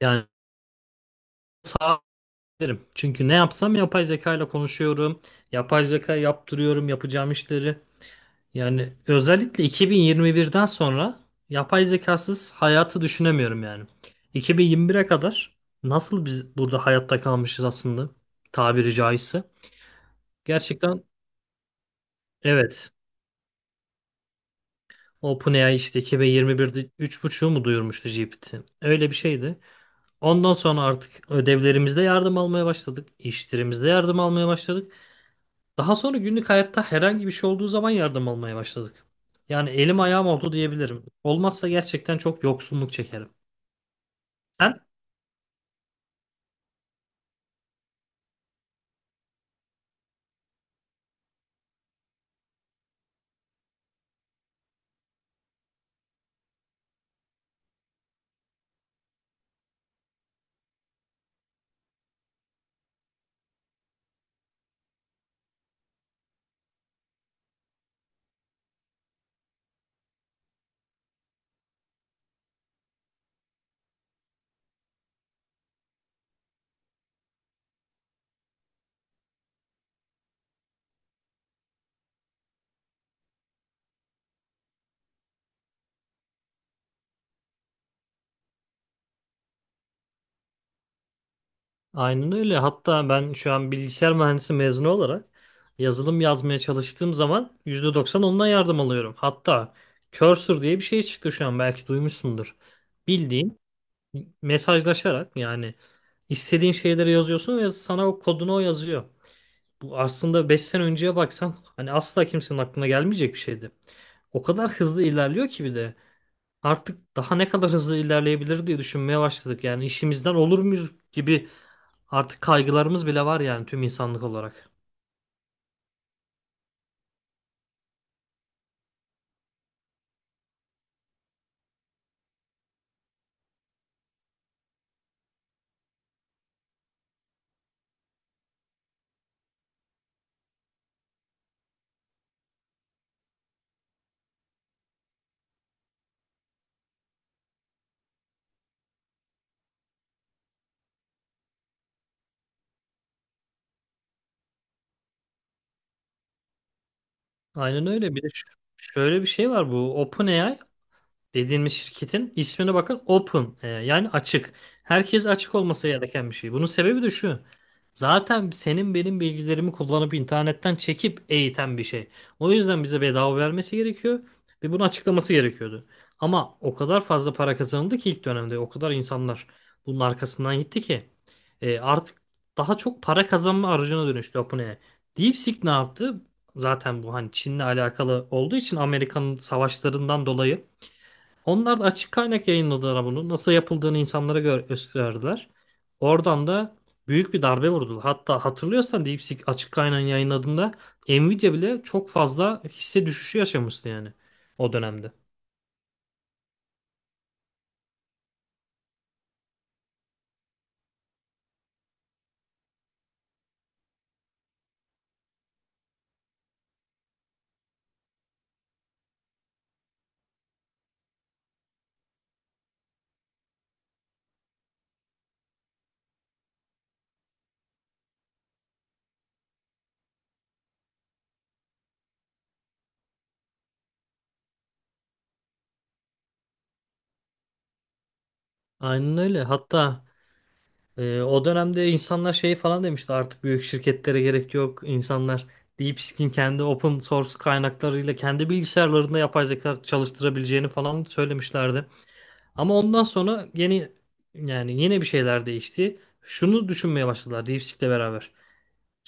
Yani sağ derim. Çünkü ne yapsam yapay zeka ile konuşuyorum. Yapay zeka yaptırıyorum yapacağım işleri. Yani özellikle 2021'den sonra yapay zekasız hayatı düşünemiyorum yani. 2021'e kadar nasıl biz burada hayatta kalmışız aslında tabiri caizse. Gerçekten evet. OpenAI işte 2021'de 3.5'u mu duyurmuştu GPT? Öyle bir şeydi. Ondan sonra artık ödevlerimizde yardım almaya başladık. İşlerimizde yardım almaya başladık. Daha sonra günlük hayatta herhangi bir şey olduğu zaman yardım almaya başladık. Yani elim ayağım oldu diyebilirim. Olmazsa gerçekten çok yoksunluk çekerim. Sen? Aynen öyle. Hatta ben şu an bilgisayar mühendisi mezunu olarak yazılım yazmaya çalıştığım zaman %90 ondan yardım alıyorum. Hatta Cursor diye bir şey çıktı şu an belki duymuşsundur. Bildiğin mesajlaşarak yani istediğin şeyleri yazıyorsun ve sana o kodunu o yazıyor. Bu aslında 5 sene önceye baksan hani asla kimsenin aklına gelmeyecek bir şeydi. O kadar hızlı ilerliyor ki bir de. Artık daha ne kadar hızlı ilerleyebilir diye düşünmeye başladık. Yani işimizden olur muyuz gibi artık kaygılarımız bile var yani tüm insanlık olarak. Aynen öyle. Bir de şöyle bir şey var, bu OpenAI dediğimiz şirketin ismine bakın, open yani açık. Herkes açık olması gereken bir şey. Bunun sebebi de şu. Zaten senin benim bilgilerimi kullanıp internetten çekip eğiten bir şey. O yüzden bize bedava vermesi gerekiyor ve bunu açıklaması gerekiyordu. Ama o kadar fazla para kazanıldı ki ilk dönemde, o kadar insanlar bunun arkasından gitti ki artık daha çok para kazanma aracına dönüştü OpenAI. DeepSeek ne yaptı? Zaten bu hani Çin'le alakalı olduğu için, Amerika'nın savaşlarından dolayı onlar da açık kaynak yayınladılar bunu. Nasıl yapıldığını insanlara gösterdiler. Oradan da büyük bir darbe vurdular. Hatta hatırlıyorsan, DeepSeek açık kaynağın yayınladığında Nvidia bile çok fazla hisse düşüşü yaşamıştı yani o dönemde. Aynen öyle. Hatta o dönemde insanlar şey falan demişti, artık büyük şirketlere gerek yok. İnsanlar DeepSeek'in kendi open source kaynaklarıyla kendi bilgisayarlarında yapay zeka çalıştırabileceğini falan söylemişlerdi. Ama ondan sonra yeni, yani yine bir şeyler değişti. Şunu düşünmeye başladılar DeepSeek'le beraber.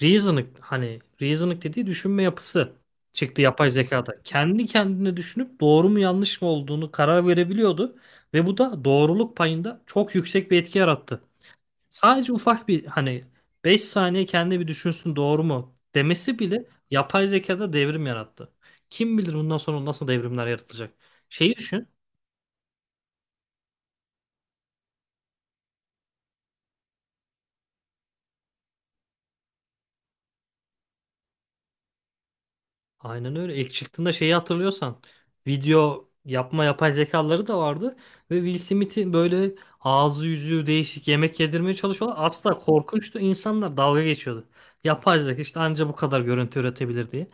Reasoning, hani reasoning dediği düşünme yapısı çıktı yapay zekada. Kendi kendine düşünüp doğru mu yanlış mı olduğunu karar verebiliyordu ve bu da doğruluk payında çok yüksek bir etki yarattı. Sadece ufak bir, hani 5 saniye kendi bir düşünsün doğru mu demesi bile yapay zekada devrim yarattı. Kim bilir bundan sonra nasıl devrimler yaratacak. Şeyi düşün. Aynen öyle. İlk çıktığında şeyi hatırlıyorsan, video yapma yapay zekaları da vardı ve Will Smith'in böyle ağzı yüzü değişik yemek yedirmeye çalışıyorlar. Asla korkunçtu. İnsanlar dalga geçiyordu. Yapay zeka işte anca bu kadar görüntü üretebilir diye.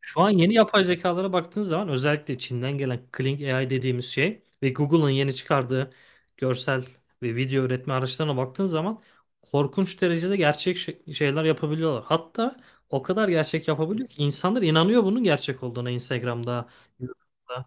Şu an yeni yapay zekalara baktığın zaman, özellikle Çin'den gelen Kling AI dediğimiz şey ve Google'ın yeni çıkardığı görsel ve video üretme araçlarına baktığın zaman korkunç derecede gerçek şeyler yapabiliyorlar. Hatta o kadar gerçek yapabiliyor ki insanlar inanıyor bunun gerçek olduğuna, Instagram'da, YouTube'da.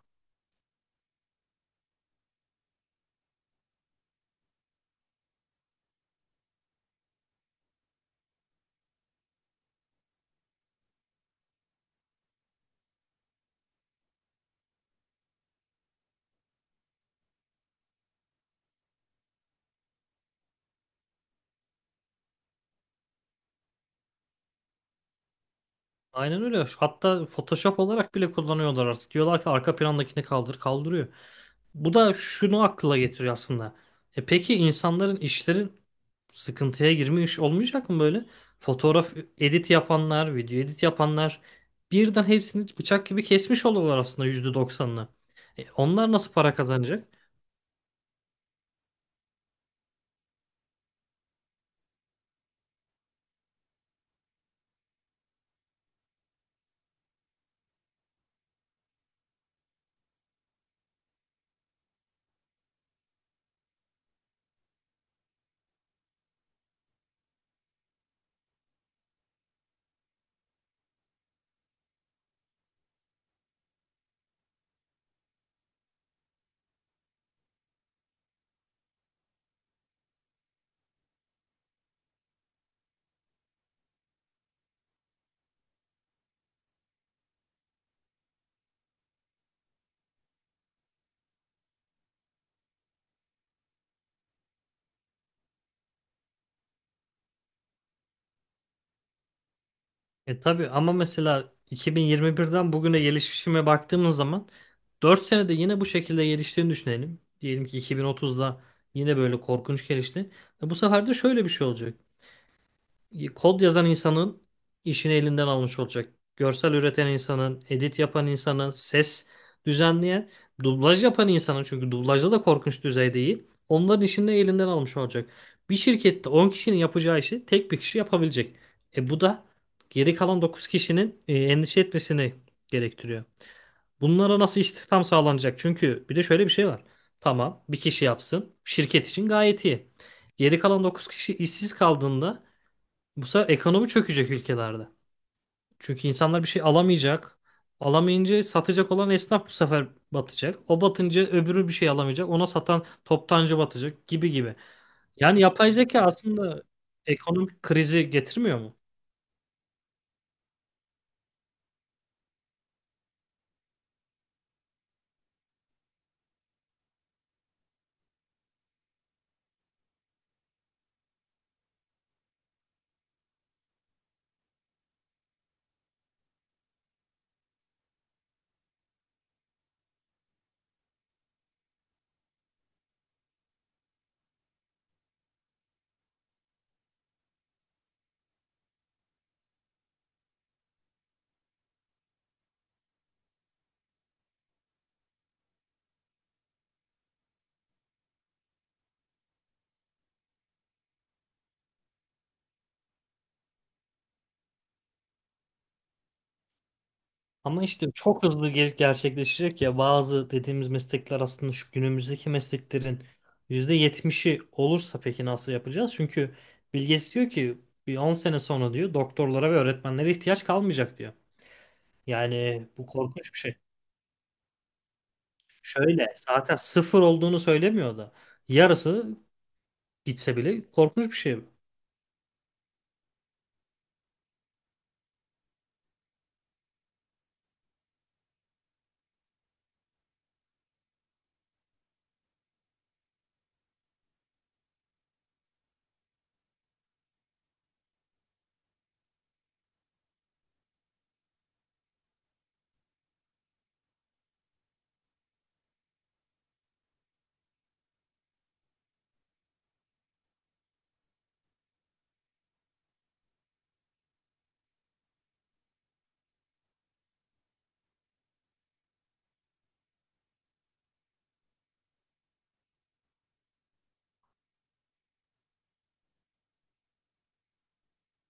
Aynen öyle. Hatta Photoshop olarak bile kullanıyorlar artık. Diyorlar ki arka plandakini kaldır, kaldırıyor. Bu da şunu akla getiriyor aslında. E peki, insanların işlerin sıkıntıya girmiş olmayacak mı böyle? Fotoğraf edit yapanlar, video edit yapanlar birden hepsini bıçak gibi kesmiş oluyorlar aslında %90'ını. E onlar nasıl para kazanacak? E tabii, ama mesela 2021'den bugüne gelişime baktığımız zaman 4 senede yine bu şekilde geliştiğini düşünelim. Diyelim ki 2030'da yine böyle korkunç gelişti. E bu sefer de şöyle bir şey olacak, kod yazan insanın işini elinden almış olacak. Görsel üreten insanın, edit yapan insanın, ses düzenleyen, dublaj yapan insanın, çünkü dublajda da korkunç düzeyde iyi. Onların işini de elinden almış olacak. Bir şirkette 10 kişinin yapacağı işi tek bir kişi yapabilecek. E bu da geri kalan 9 kişinin endişe etmesini gerektiriyor. Bunlara nasıl istihdam sağlanacak? Çünkü bir de şöyle bir şey var. Tamam, bir kişi yapsın. Şirket için gayet iyi. Geri kalan 9 kişi işsiz kaldığında bu sefer ekonomi çökecek ülkelerde. Çünkü insanlar bir şey alamayacak. Alamayınca satacak olan esnaf bu sefer batacak. O batınca öbürü bir şey alamayacak. Ona satan toptancı batacak, gibi gibi. Yani yapay zeka aslında ekonomik krizi getirmiyor mu? Ama işte çok hızlı gerçekleşecek ya. Bazı dediğimiz meslekler aslında şu günümüzdeki mesleklerin %70'i olursa, peki nasıl yapacağız? Çünkü Bill Gates diyor ki bir 10 sene sonra diyor, doktorlara ve öğretmenlere ihtiyaç kalmayacak diyor. Yani bu korkunç bir şey. Şöyle, zaten sıfır olduğunu söylemiyor da yarısı gitse bile korkunç bir şey.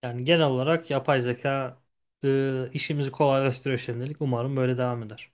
Yani genel olarak yapay zeka işimizi kolaylaştırıyor şimdilik. Umarım böyle devam eder.